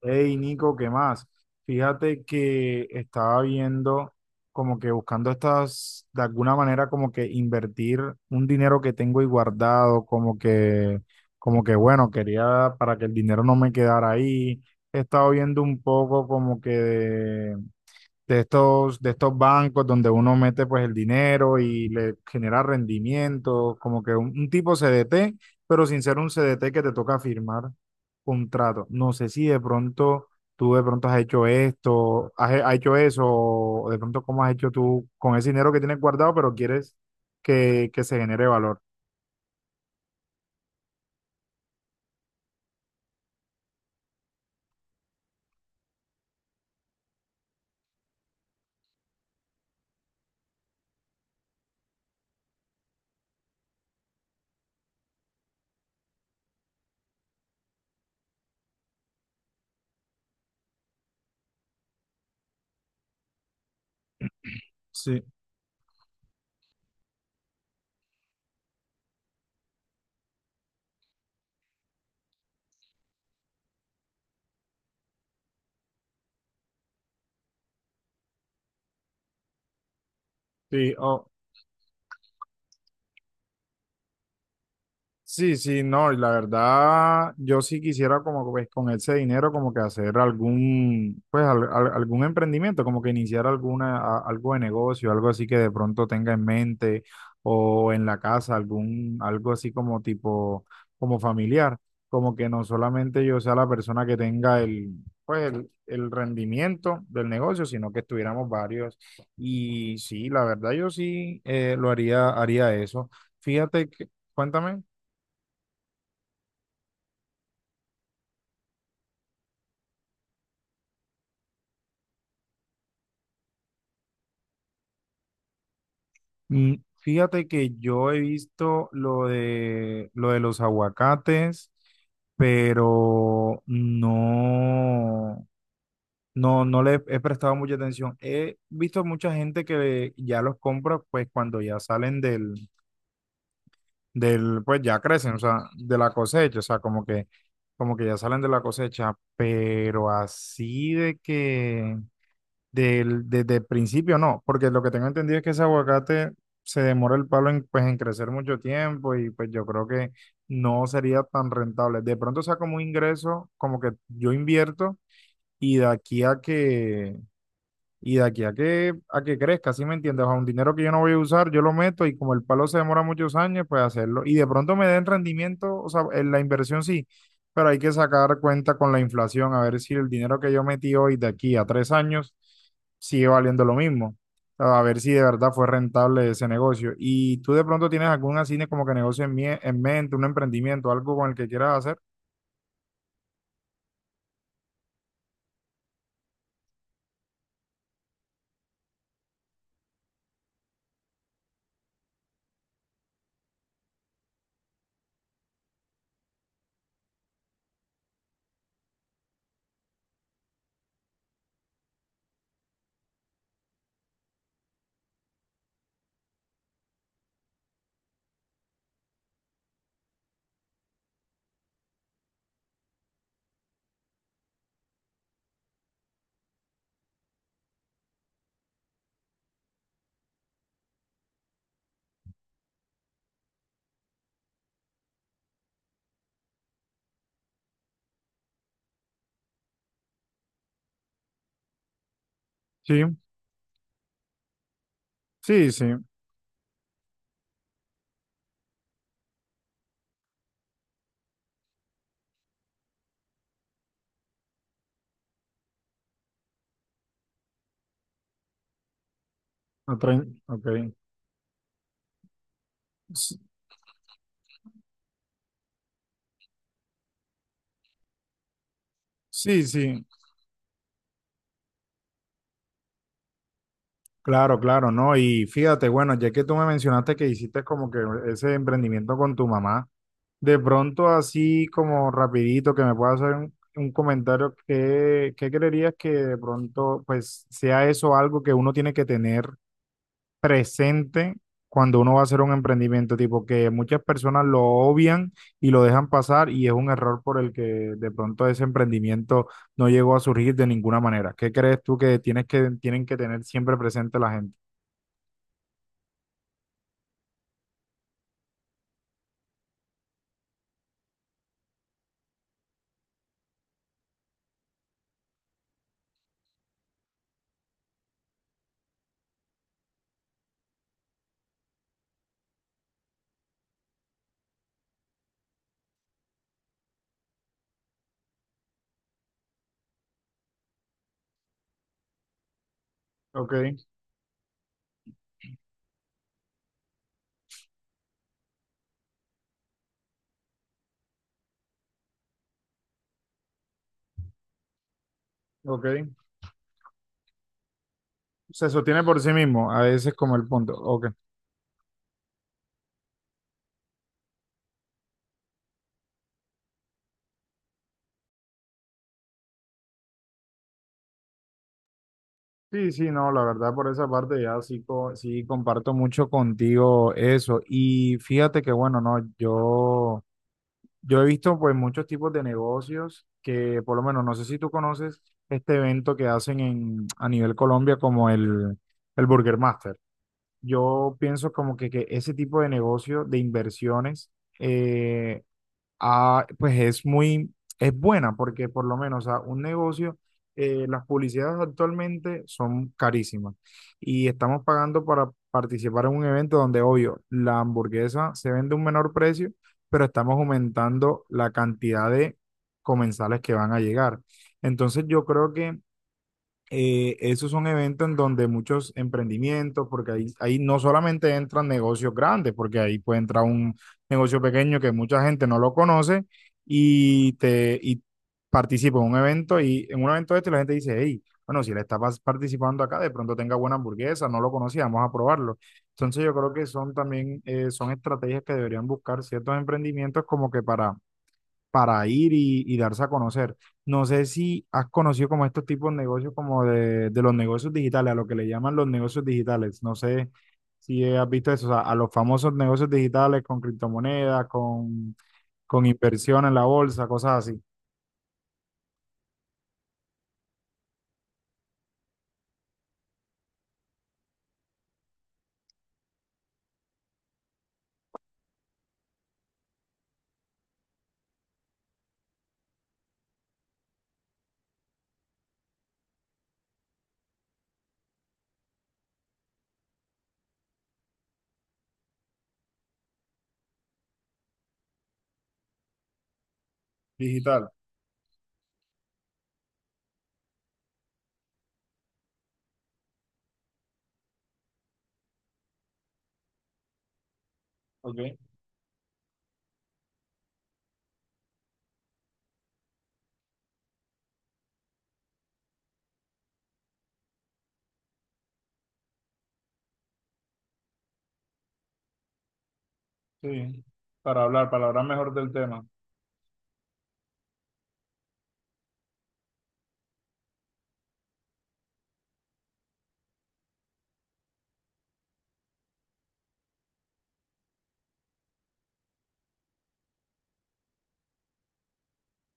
Hey Nico, ¿qué más? Fíjate que estaba viendo, como que buscando estas, de alguna manera, como que invertir un dinero que tengo ahí guardado, como que bueno, quería para que el dinero no me quedara ahí. He estado viendo un poco como que de, de estos bancos donde uno mete pues el dinero y le genera rendimiento, como que un tipo CDT, pero sin ser un CDT que te toca firmar contrato. No sé si de pronto tú de pronto has hecho esto, has hecho eso, o de pronto cómo has hecho tú con ese dinero que tienes guardado, pero quieres que se genere valor. Sí, sí. Sí, sí, no, y la verdad, yo sí quisiera, como pues con ese dinero, como que hacer algún, pues algún emprendimiento, como que iniciar alguna, algo de negocio, algo así que de pronto tenga en mente o en la casa, algún, algo así como tipo, como familiar, como que no solamente yo sea la persona que tenga el, pues el rendimiento del negocio, sino que estuviéramos varios. Y sí, la verdad yo sí, lo haría, haría eso. Fíjate que, cuéntame. Mm. Fíjate que yo he visto lo de los aguacates, pero no, no, no le he prestado mucha atención. He visto mucha gente que ya los compra pues cuando ya salen del, del, pues ya crecen, o sea, de la cosecha, o sea, como que ya salen de la cosecha, pero así de que del, desde el principio no, porque lo que tengo entendido es que ese aguacate se demora el palo en, pues, en crecer mucho tiempo, y pues yo creo que no sería tan rentable. De pronto sea como un ingreso, como que yo invierto y de aquí a que a que crezca, ¿sí me entiendes? O sea, un dinero que yo no voy a usar, yo lo meto, y como el palo se demora muchos años, pues hacerlo. Y de pronto me den rendimiento, o sea, en la inversión sí, pero hay que sacar cuenta con la inflación, a ver si el dinero que yo metí hoy de aquí a 3 años sigue valiendo lo mismo. A ver si de verdad fue rentable ese negocio. ¿Y tú de pronto tienes algún así como que negocio en, en mente, un emprendimiento, algo con el que quieras hacer? Sí, sí, sí. A Ok. S- Sí, sí. Claro, claro, ¿no? Y fíjate, bueno, ya que tú me mencionaste que hiciste como que ese emprendimiento con tu mamá, de pronto así como rapidito que me puedas hacer un comentario, ¿qué, qué creerías que de pronto pues sea eso algo que uno tiene que tener presente cuando uno va a hacer un emprendimiento? Tipo que muchas personas lo obvian y lo dejan pasar, y es un error por el que de pronto ese emprendimiento no llegó a surgir de ninguna manera. ¿Qué crees tú que tienes que, tienen que tener siempre presente la gente? Ok, ok. Se sostiene por sí mismo, a veces como el punto. Ok. Sí, sí, no, la verdad por esa parte ya sí, sí comparto mucho contigo eso. Y fíjate que bueno, no, yo he visto pues muchos tipos de negocios que por lo menos, no sé si tú conoces este evento que hacen en, a nivel Colombia, como el Burger Master. Yo pienso como que ese tipo de negocio, de inversiones, eh, ah, pues es muy, es buena, porque por lo menos a un negocio, las publicidades actualmente son carísimas, y estamos pagando para participar en un evento donde, obvio, la hamburguesa se vende a un menor precio, pero estamos aumentando la cantidad de comensales que van a llegar. Entonces yo creo que esos son eventos en donde muchos emprendimientos, porque ahí, ahí no solamente entran negocios grandes, porque ahí puede entrar un negocio pequeño que mucha gente no lo conoce, y te y participa en un evento, y en un evento de este la gente dice, hey, bueno, si le está participando acá, de pronto tenga buena hamburguesa, no lo conocía, vamos a probarlo. Entonces yo creo que son también, son estrategias que deberían buscar ciertos emprendimientos, como que para ir y darse a conocer. No sé si has conocido como estos tipos de negocios, como de los negocios digitales, a lo que le llaman los negocios digitales. No sé si has visto eso, o sea, a los famosos negocios digitales con criptomonedas, con inversión en la bolsa, cosas así. Digital, ok, sí, para hablar mejor del tema,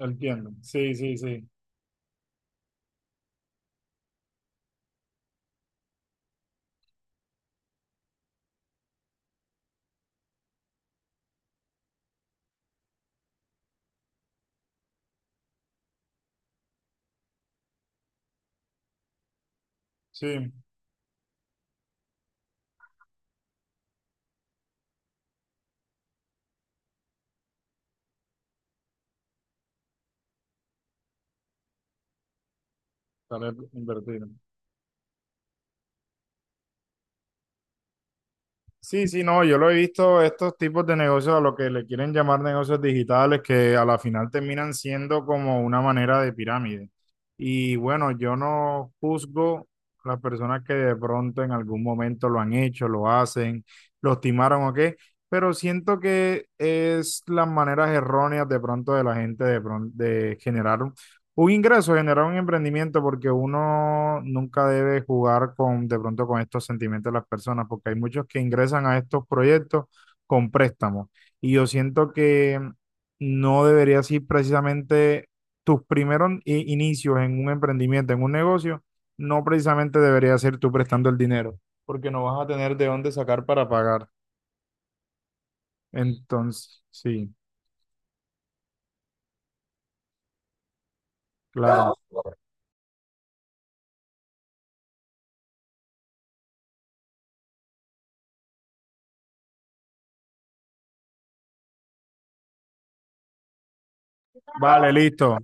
entiendo, sí, sí, sí, sí, para invertir. Sí, sí, no, yo lo he visto, estos tipos de negocios, a lo que le quieren llamar negocios digitales, que a la final terminan siendo como una manera de pirámide. Y bueno, yo no juzgo a las personas que de pronto en algún momento lo han hecho, lo hacen, lo timaron o qué, pero siento que es las maneras erróneas de pronto de la gente de, de generar un ingreso, genera un emprendimiento, porque uno nunca debe jugar con, de pronto, con estos sentimientos de las personas, porque hay muchos que ingresan a estos proyectos con préstamos. Y yo siento que no debería ser precisamente tus primeros inicios en un emprendimiento, en un negocio, no precisamente debería ser tú prestando el dinero, porque no vas a tener de dónde sacar para pagar. Entonces, sí, claro. Vale, listo.